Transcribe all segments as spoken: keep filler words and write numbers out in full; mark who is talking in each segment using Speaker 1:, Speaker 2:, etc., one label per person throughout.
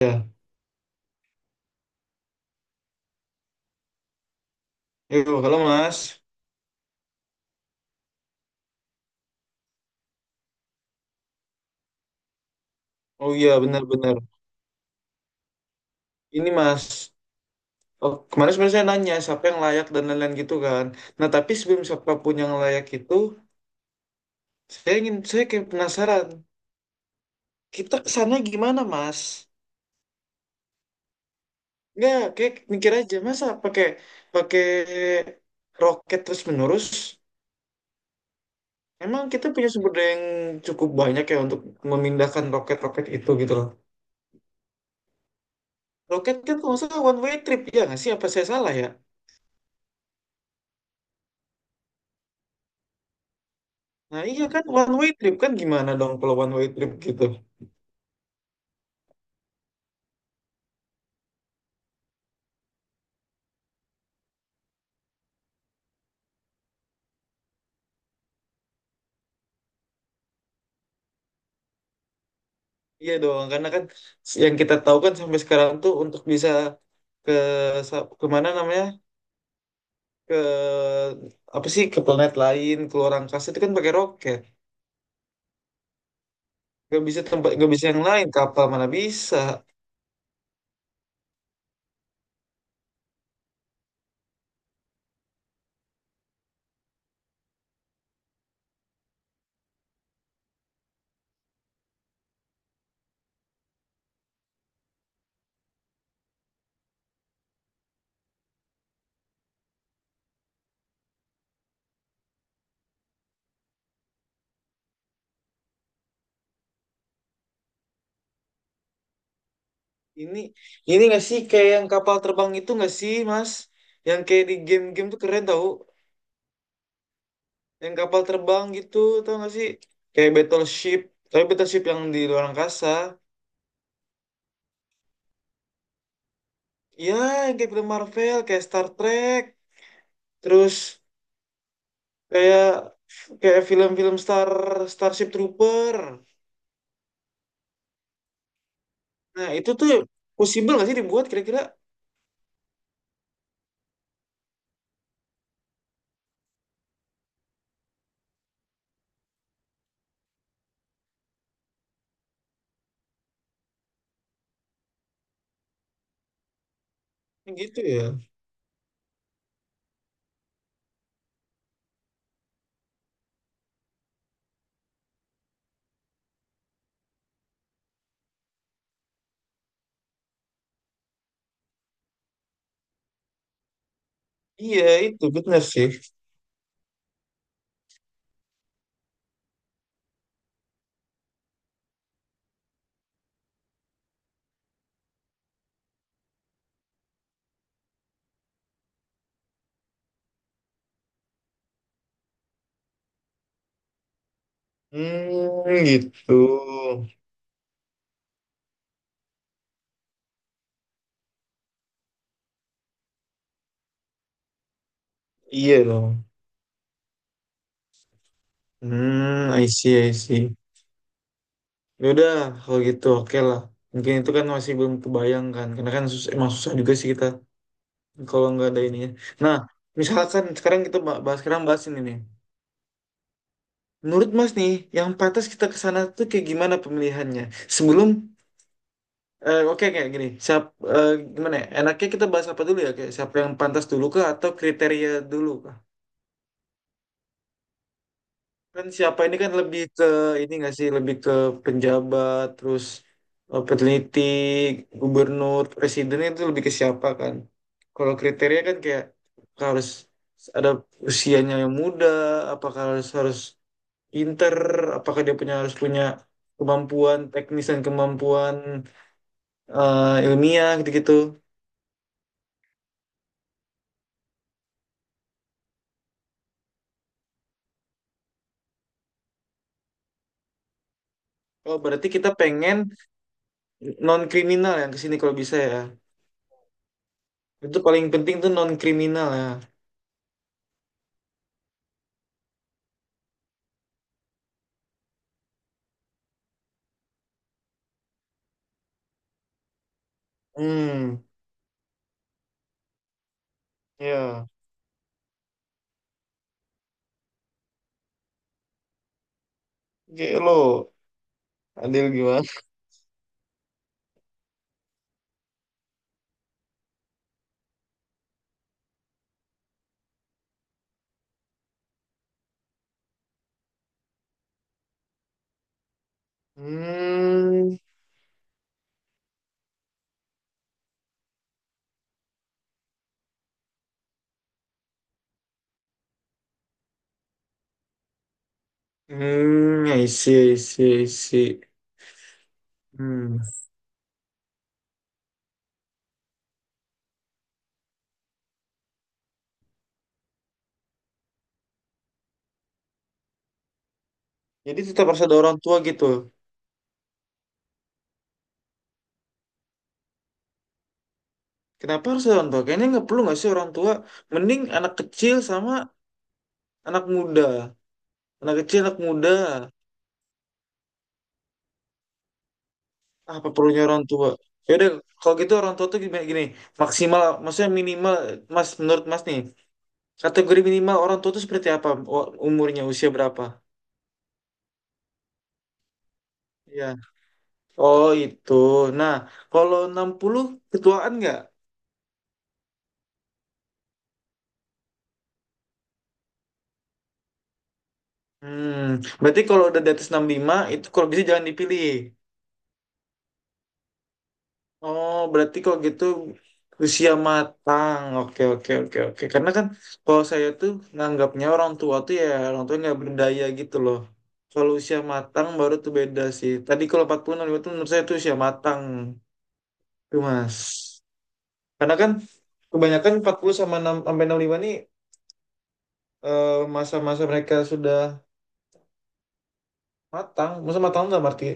Speaker 1: Ya, itu kalau Mas. Oh iya, benar-benar. Ini Mas, oh, kemarin sebenarnya saya nanya siapa yang layak dan lain-lain gitu kan. Nah, tapi sebelum siapapun yang layak itu, saya ingin, saya kayak penasaran. Kita kesana gimana, Mas? Nggak, kayak mikir aja, masa pakai pakai roket terus-menerus? Emang kita punya sumber daya yang cukup banyak ya untuk memindahkan roket-roket itu gitu loh. Roket kan kalau nggak salah one way trip, ya nggak sih? Apa saya salah ya? Nah iya kan one way trip kan gimana dong kalau one way trip gitu? Iya dong, karena kan yang kita tahu kan sampai sekarang tuh untuk bisa ke sa- ke mana namanya, ke apa sih, ke planet lain, ke luar angkasa itu kan pakai roket, gak bisa tempat, gak bisa yang lain, kapal mana bisa. Ini ini nggak sih kayak yang kapal terbang itu nggak sih Mas, yang kayak di game-game tuh keren tau, yang kapal terbang gitu, tau nggak sih, kayak battleship, tapi battleship yang di luar angkasa. Iya, kayak film Marvel, kayak Star Trek, terus kayak kayak film-film Star Starship Trooper. Nah, itu tuh possible nggak sih dibuat kira-kira gitu ya? Iya, itu benar sih. Hmm, gitu. Iya dong. Hmm, I see, I see. Ya udah, kalau gitu oke lah. Mungkin itu kan masih belum kebayang kan, karena kan susah, emang susah juga sih kita kalau nggak ada ininya. Nah, misalkan sekarang kita bah- bahas sekarang, bahas ini nih. Menurut Mas nih, yang pantas kita ke sana tuh kayak gimana pemilihannya? Sebelum eh, oke kayak gini, siap, eh, gimana ya? Enaknya kita bahas apa dulu ya? Kayak siapa yang pantas dulu kah atau kriteria dulu kah? Kan siapa ini kan lebih ke ini nggak sih, lebih ke penjabat, terus eh, peneliti, gubernur, presiden itu lebih ke siapa kan? Kalau kriteria kan kayak harus ada usianya yang muda, apakah harus harus pinter, apakah dia punya harus punya kemampuan teknis dan kemampuan eh, ilmiah gitu-gitu. Oh, berarti kita pengen non kriminal yang kesini kalau bisa ya. Itu paling penting tuh non kriminal ya. Hmm, ya. Oke, lo adil gimana? Hmm, hmm, I see, I see, I see. Hmm. Jadi tetap harus ada orang tua gitu. Kenapa harus ada orang tua? Kayaknya nggak perlu nggak sih orang tua? Mending anak kecil sama anak muda. Anak kecil, anak muda. Ah, apa perlunya orang tua? Ya udah, kalau gitu orang tua tuh gimana, gini, maksimal, maksudnya minimal mas, menurut mas nih, kategori minimal orang tua tuh seperti apa? O- umurnya usia berapa ya? Oh itu, nah, kalau enam puluh ketuaan nggak? Hmm, berarti kalau udah di atas enam puluh lima itu kalau bisa jangan dipilih. Oh, berarti kok gitu, usia matang. Oke, oke, oke, oke. Karena kan kalau saya tuh nganggapnya orang tua tuh ya orang tua nggak berdaya gitu loh. Kalau usia matang baru tuh beda sih. Tadi kalau empat puluh enam puluh lima tuh menurut saya tuh usia matang tuh Mas. Karena kan kebanyakan empat puluh sama enam sampai enam puluh lima nih, eh, masa-masa mereka sudah matang. Masa matang nggak berarti,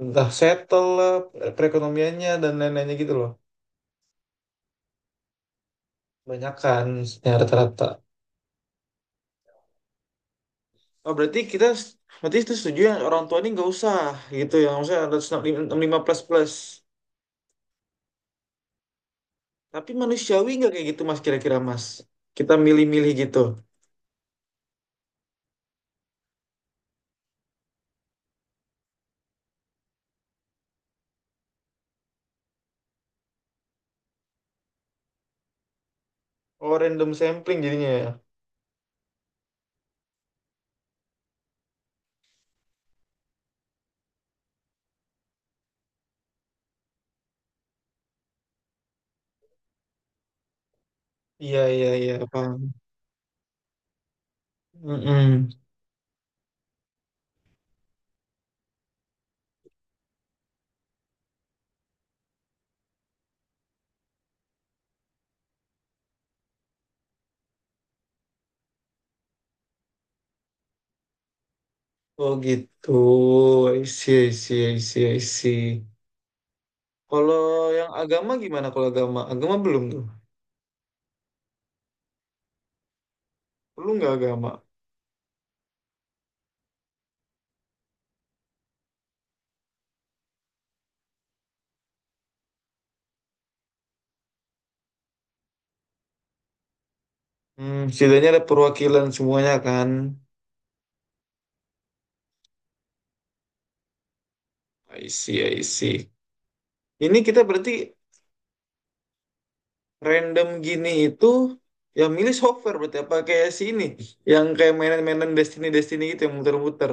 Speaker 1: entah settle lah perekonomiannya dan lain-lainnya gitu loh. Kebanyakan ya rata-rata. Oh, berarti kita, berarti itu setuju yang orang tua ini nggak usah gitu, yang maksudnya ada enam puluh lima plus plus, tapi manusiawi nggak kayak gitu mas, kira-kira mas, kita milih-milih gitu? Oh random sampling jadinya ya. Iya iya iya, paham. Mm-mm. Oh gitu, I see, I see, I see, I see. Kalau yang agama gimana? Kalau agama, agama belum tuh, perlu nggak agama? Hmm, setidaknya ada perwakilan semuanya kan. I see, I see. Ini kita berarti random gini itu, ya milih software berarti, apa kayak si ini yang kayak mainan-mainan Destiny Destiny gitu yang muter-muter.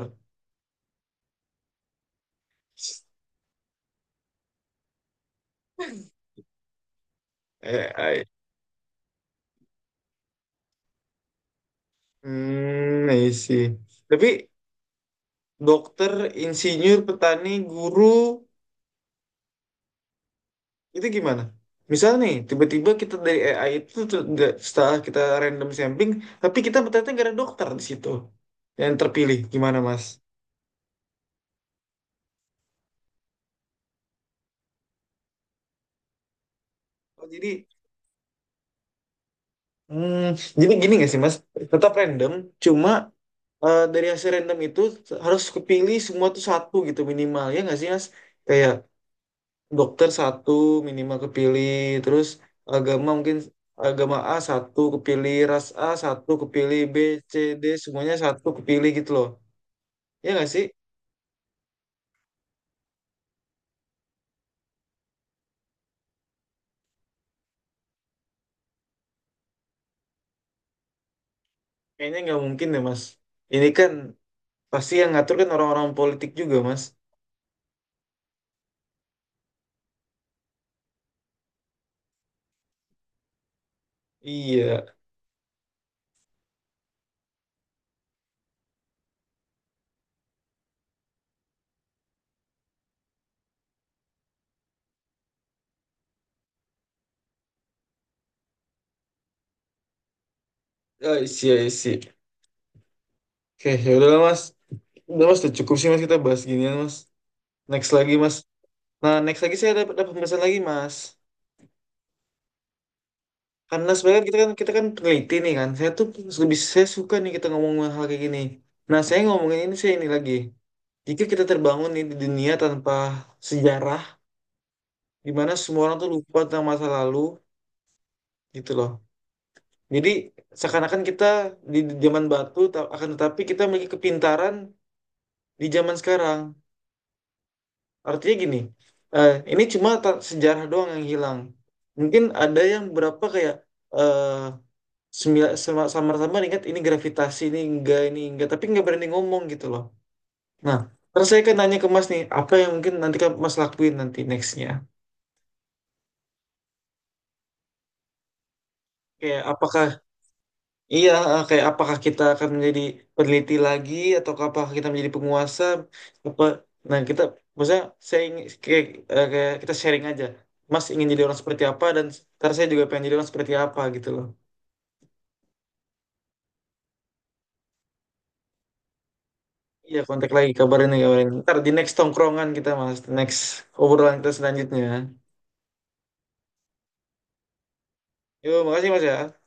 Speaker 1: eh I- hmm, I see. Tapi dokter, insinyur, petani, guru, itu gimana? Misal nih tiba-tiba kita dari A I itu tuh da- setelah kita random sampling tapi kita ternyata nggak ada dokter di situ yang terpilih gimana mas? Oh, jadi, hmm, jadi gini gak sih Mas? Tetap random, cuma eh, dari hasil random itu harus kepilih semua tuh satu gitu minimal ya nggak sih Mas? Kayak dokter satu minimal kepilih, terus agama mungkin, agama A satu kepilih, ras A satu kepilih, B, C, D semuanya satu kepilih gitu loh. Ya nggak sih? Kayaknya nggak mungkin deh Mas. Ini kan pasti yang ngatur kan orang-orang politik juga Mas. Iya, I see, I see. Oke, ya udah Mas. Udah mas, udah cukup sih mas kita bahas ginian mas. Next lagi mas. Nah next lagi saya ada, ada pembahasan lagi mas. Karena sebenarnya kita kan, kita kan peneliti nih kan. Saya tuh lebih, saya suka nih kita ngomong hal kayak gini. Nah saya ngomongin ini, saya ini lagi. Jika kita terbangun nih di dunia tanpa sejarah, di mana semua orang tuh lupa tentang masa lalu gitu loh. Jadi seakan-akan kita di zaman batu, ta- akan tetapi kita memiliki kepintaran di zaman sekarang. Artinya gini, eh, ini cuma ta- sejarah doang yang hilang. Mungkin ada yang berapa kayak eh sembi- sama- samar-samar ingat ini gravitasi, ini enggak, ini enggak, tapi enggak berani ngomong gitu loh. Nah, terus saya kan nanya ke Mas nih, apa yang mungkin nanti kan Mas lakuin nanti nextnya? Kayak apakah, iya, eh, kayak apakah kita akan menjadi peneliti lagi atau apakah kita menjadi penguasa apa? Nah, kita maksudnya saya ingin kayak, eh, kayak kita sharing aja. Mas ingin jadi orang seperti apa dan ntar saya juga pengen jadi orang seperti apa gitu loh. Iya, kontak lagi, kabarin nih, kabarin. Ntar di next tongkrongan kita Mas, next obrolan kita selanjutnya. Yo, makasih Mas ya.